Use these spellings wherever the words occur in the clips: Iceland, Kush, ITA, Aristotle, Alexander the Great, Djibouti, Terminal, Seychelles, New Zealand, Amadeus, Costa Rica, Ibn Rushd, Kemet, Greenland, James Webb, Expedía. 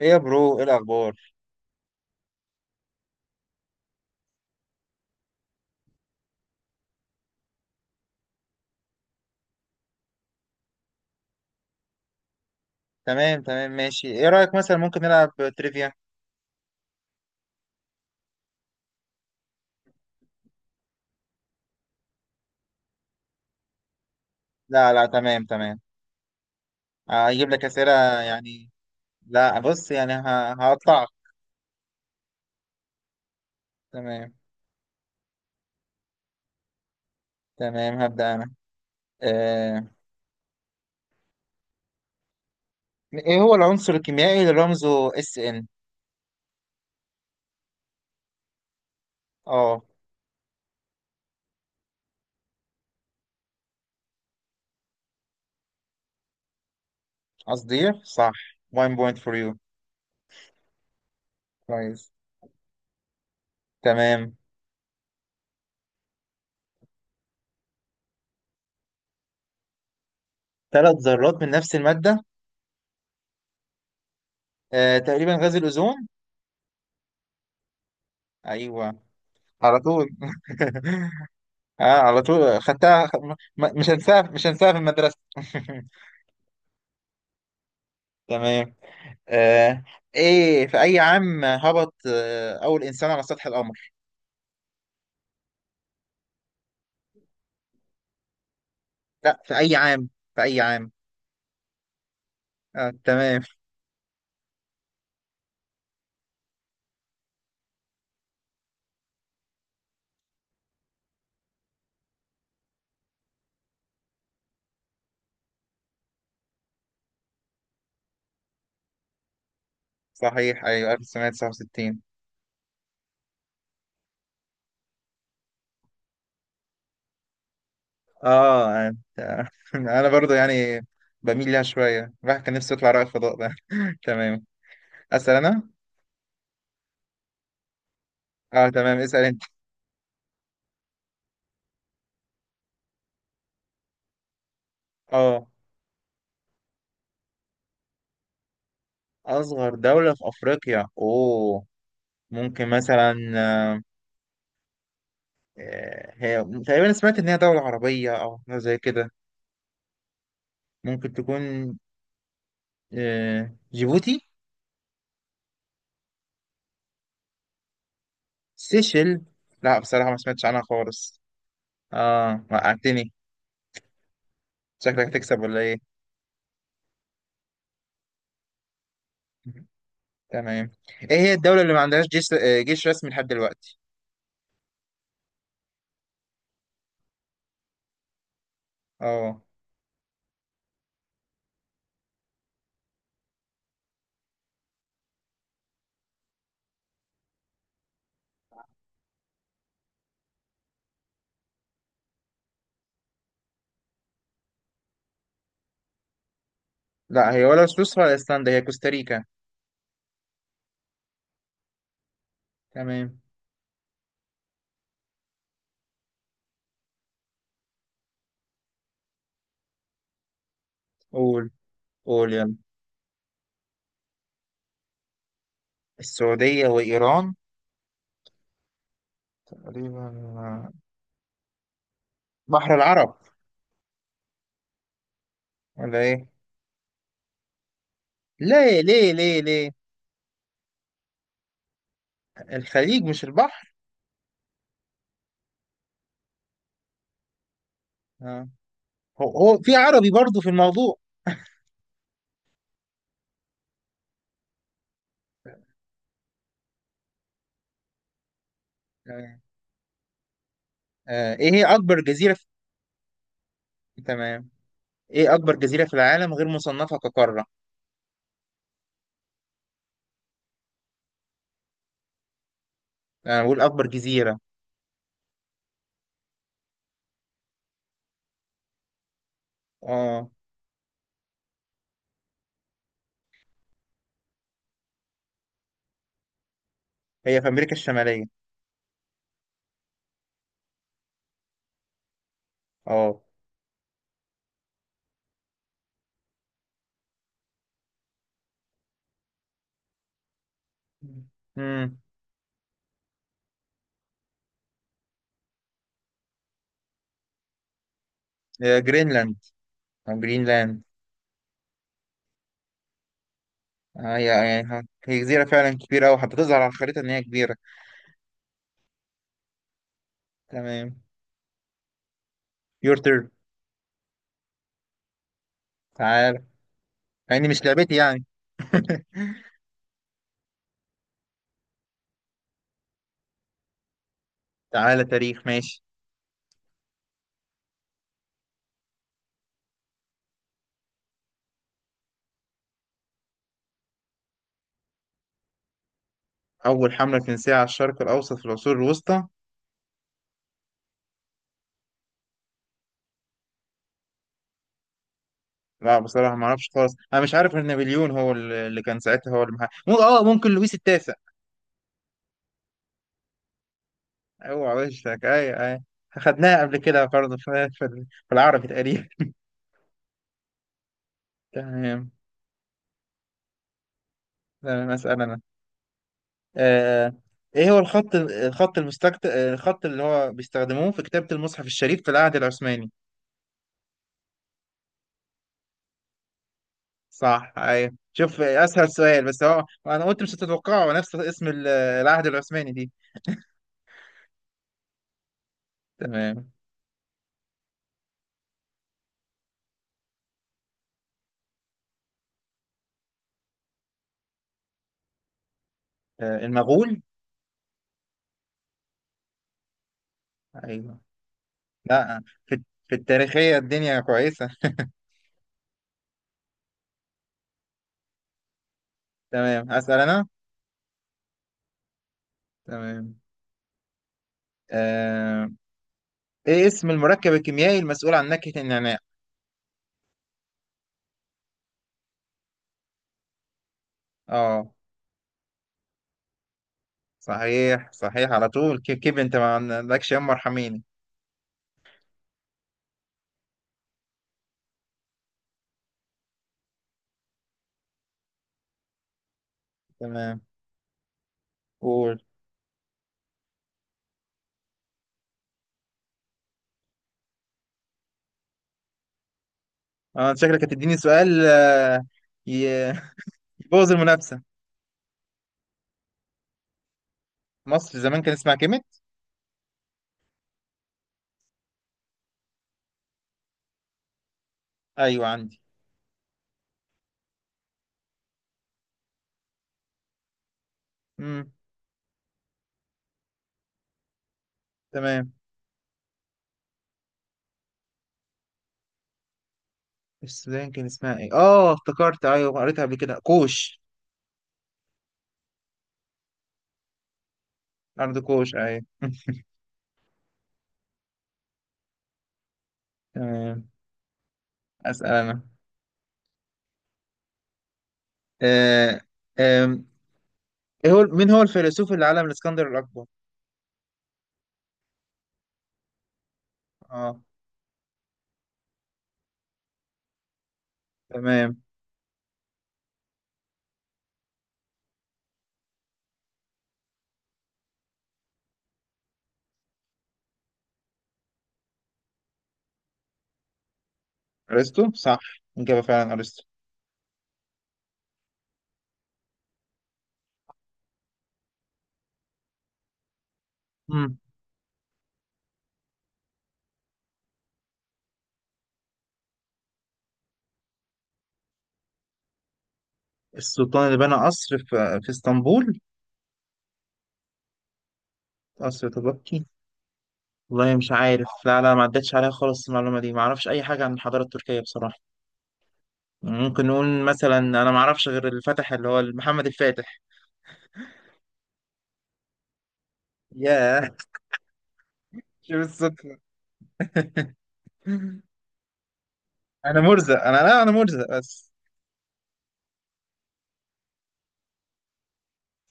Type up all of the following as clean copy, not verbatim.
ايه يا برو، ايه الاخبار؟ تمام، تمام، ماشي، ايه رايك مثلا ممكن نلعب تريفيا. لا، لا، تمام، تمام، هجيب لك اسئله. يعني، لا، بص يعني هقطعك. تمام، تمام، هبدا انا. آه. ايه هو العنصر الكيميائي اللي رمزه اس ان؟ اه، قصدي صح. 1 point for you. كويس. تمام، ثلاث ذرات من نفس الماده. تقريبا غاز الاوزون. ايوه، على طول. اه، على طول خدتها. مش هنساها، مش هنساها في المدرسه. تمام. آه ايه في اي عام هبط اول انسان على سطح القمر؟ لا، في اي عام، في اي عام؟ تمام. صحيح، ايوه، 1969. اه، آه. انا برضو يعني بميل ليها شويه، الواحد كان نفسه يطلع رائد فضاء ده. تمام، اسال انا. اه، تمام، اسال انت. اه، اصغر دوله في افريقيا. اوه، ممكن مثلا، هي تقريبا سمعت ان هي دوله عربيه او حاجة زي كده. ممكن تكون جيبوتي. سيشل. لا، بصراحة ما سمعتش عنها خالص. اه، وقعتني. شكلك هتكسب ولا ايه؟ تمام. ايه هي الدولة اللي ما عندهاش جيش رسمي لحد دلوقتي؟ اه، لا، هي ولا سويسرا ولا ايسلندا، هي كوستاريكا. تمام، قول، قول يلا. السعودية وإيران. تقريبا بحر العرب، ولا ايه؟ ليه، ليه، ليه، ليه؟ الخليج مش البحر؟ آه. هو في عربي برضو في الموضوع. آه. ايه هي أكبر جزيرة في. تمام، ايه اكبر جزيرة في العالم غير مصنفة كقارة؟ انا بقول اكبر جزيرة. اه، هي في امريكا الشمالية. اه، امم جرينلاند، جرينلاند. هي جزيرة فعلا كبيرة أوي حتى تظهر على الخريطة إن هي كبيرة. تمام، يور تيرن، تعال. يعني مش لعبتي، يعني. تعالى تاريخ، ماشي. أول حملة فرنسية على الشرق الأوسط في العصور الوسطى. لا، بصراحة ما أعرفش خالص، أنا مش عارف غير نابليون، هو اللي كان ساعتها، هو اللي محقق. اه، ممكن لويس التاسع. اوعى وشك، اي، اي. خدناها قبل كده برضه في العربي تقريبا. تمام، تمام، اسال انا. آه ايه هو الخط الخط المستكت آه، الخط اللي هو بيستخدموه في كتابة المصحف الشريف في العهد العثماني؟ صح، ايوه، شوف، اسهل سؤال، بس هو انا قلت مش هتتوقعه نفس اسم العهد العثماني دي. تمام. المغول. ايوه، لا، في التاريخية الدنيا كويسة. تمام، اسال انا. تمام، آه، ايه اسم المركب الكيميائي المسؤول عن نكهة النعناع؟ اه، صحيح، صحيح، على طول. كيف، كيف انت ما عندكش؟ يما ارحميني. تمام، قول. اه، انت شكلك هتديني سؤال. ي- يبوظ المنافسة. مصر زمان كان اسمها كيميت. ايوه، عندي، امم، تمام. السودان كان اسمها ايه؟ اه، افتكرت، ايوه، قريتها قبل كده، كوش. ارض كوش، ايوه. تمام، اسال انا. آه. آه. ايه هو مين هو الفيلسوف اللي علم الاسكندر الاكبر؟ اه، تمام. ارسطو صح، اجابه فعلا ارسطو. مم. السلطان اللي بنى قصر في اسطنبول؟ قصر تبكي. والله مش عارف، لا، لا، ما عدتش عليا خالص المعلومة دي، ما اعرفش اي حاجة عن الحضارة التركية بصراحة. ممكن نقول مثلا، انا ما اعرفش غير اللي فتح، اللي هو محمد الفاتح. ياه، شوف الصدفة. انا مرزق، انا لا، انا مرزق بس.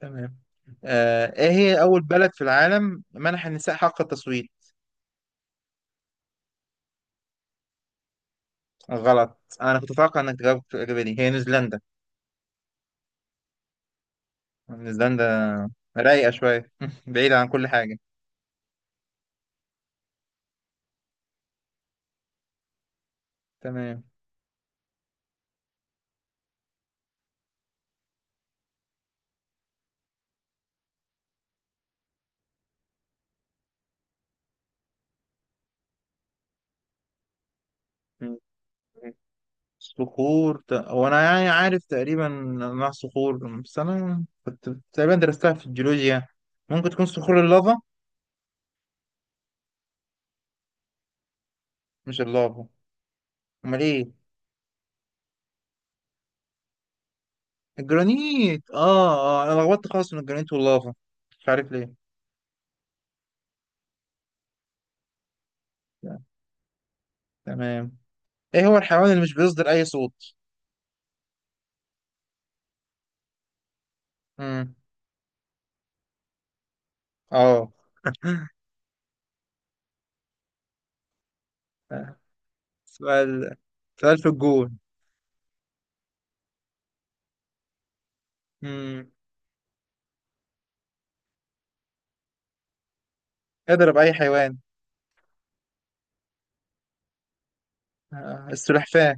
تمام. ايه هي اول بلد في العالم منح النساء حق التصويت؟ غلط، انا كنت اتوقع انك تجاوب. الاجابه دي هي نيوزيلندا. الاسدان ده رايقة شوية. بعيدة عن كل حاجة. تمام. م. م. صخور هو أنا يعني عارف تقريبا أنواع الصخور، بس أنا كنت تقريبا درستها في الجيولوجيا يعني. ممكن تكون صخور اللافا. مش اللافا؟ أمال إيه؟ الجرانيت، آه. أنا لخبطت خالص من الجرانيت واللافا، مش عارف ليه. تمام، إيه هو الحيوان اللي مش بيصدر أي صوت؟ مم. آه. سؤال، سؤال في الجون. مم. اضرب أي حيوان. السلحفاة.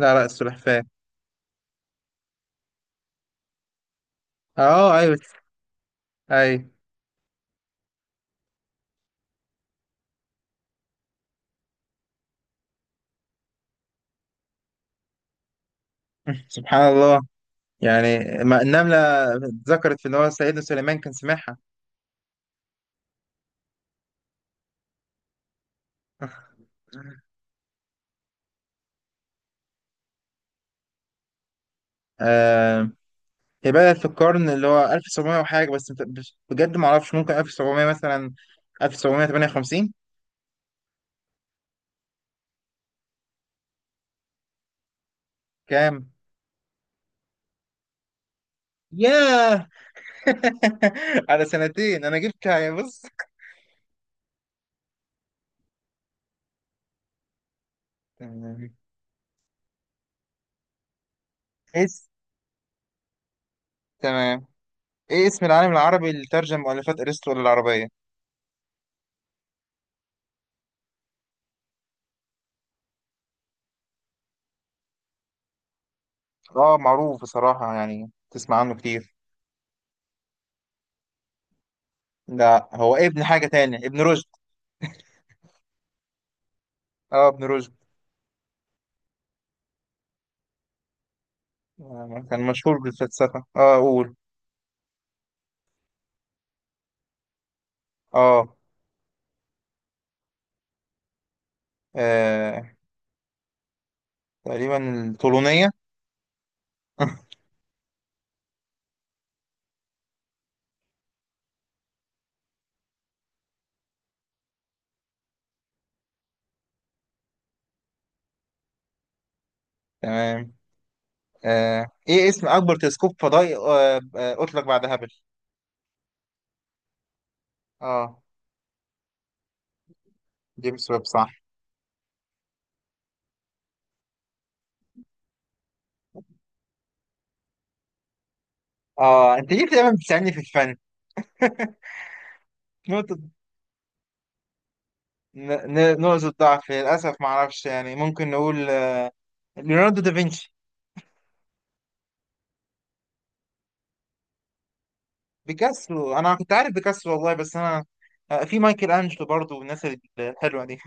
لا، لا، السلحفاة. اه، ايوه، ايوه. سبحان الله. يعني، ما النملة ذكرت في اللي هو سيدنا سليمان كان سمعها. آه هي بدأت في القرن اللي هو 1700 وحاجة، بس بجد ما اعرفش، ممكن 1700 مثلا، 1758. كام؟ ياه. على سنتين انا جبت يعني، بص. تمام. اس، تمام، ايه اسم العالم العربي اللي ترجم مؤلفات ارسطو للعربية؟ اه، معروف بصراحة يعني، تسمع عنه كتير. ده هو ابن حاجة تانية، ابن رشد. اه، ابن رشد. كان مشهور بالفلسفة. اه، قول. اه، آه، تقريبا الطولونية. تمام. ايه اسم اكبر تلسكوب فضائي اطلق بعد هابل؟ اه، جيمس ويب صح. اه، انت ليه دايما بتساعدني في الفن؟ نقطة، نقطة ضعف. للأسف ما أعرفش يعني، ممكن نقول ليوناردو دافنشي. بيكاسو، انا كنت عارف بيكاسو والله، بس انا. في مايكل انجلو برضو والناس الحلوه دي.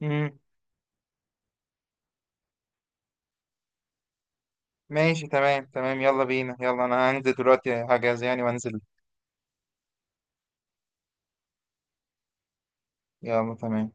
مم. ماشي، تمام، تمام، يلا بينا. يلا، انا هنزل دلوقتي هجهز يعني وانزل. يلا، تمام.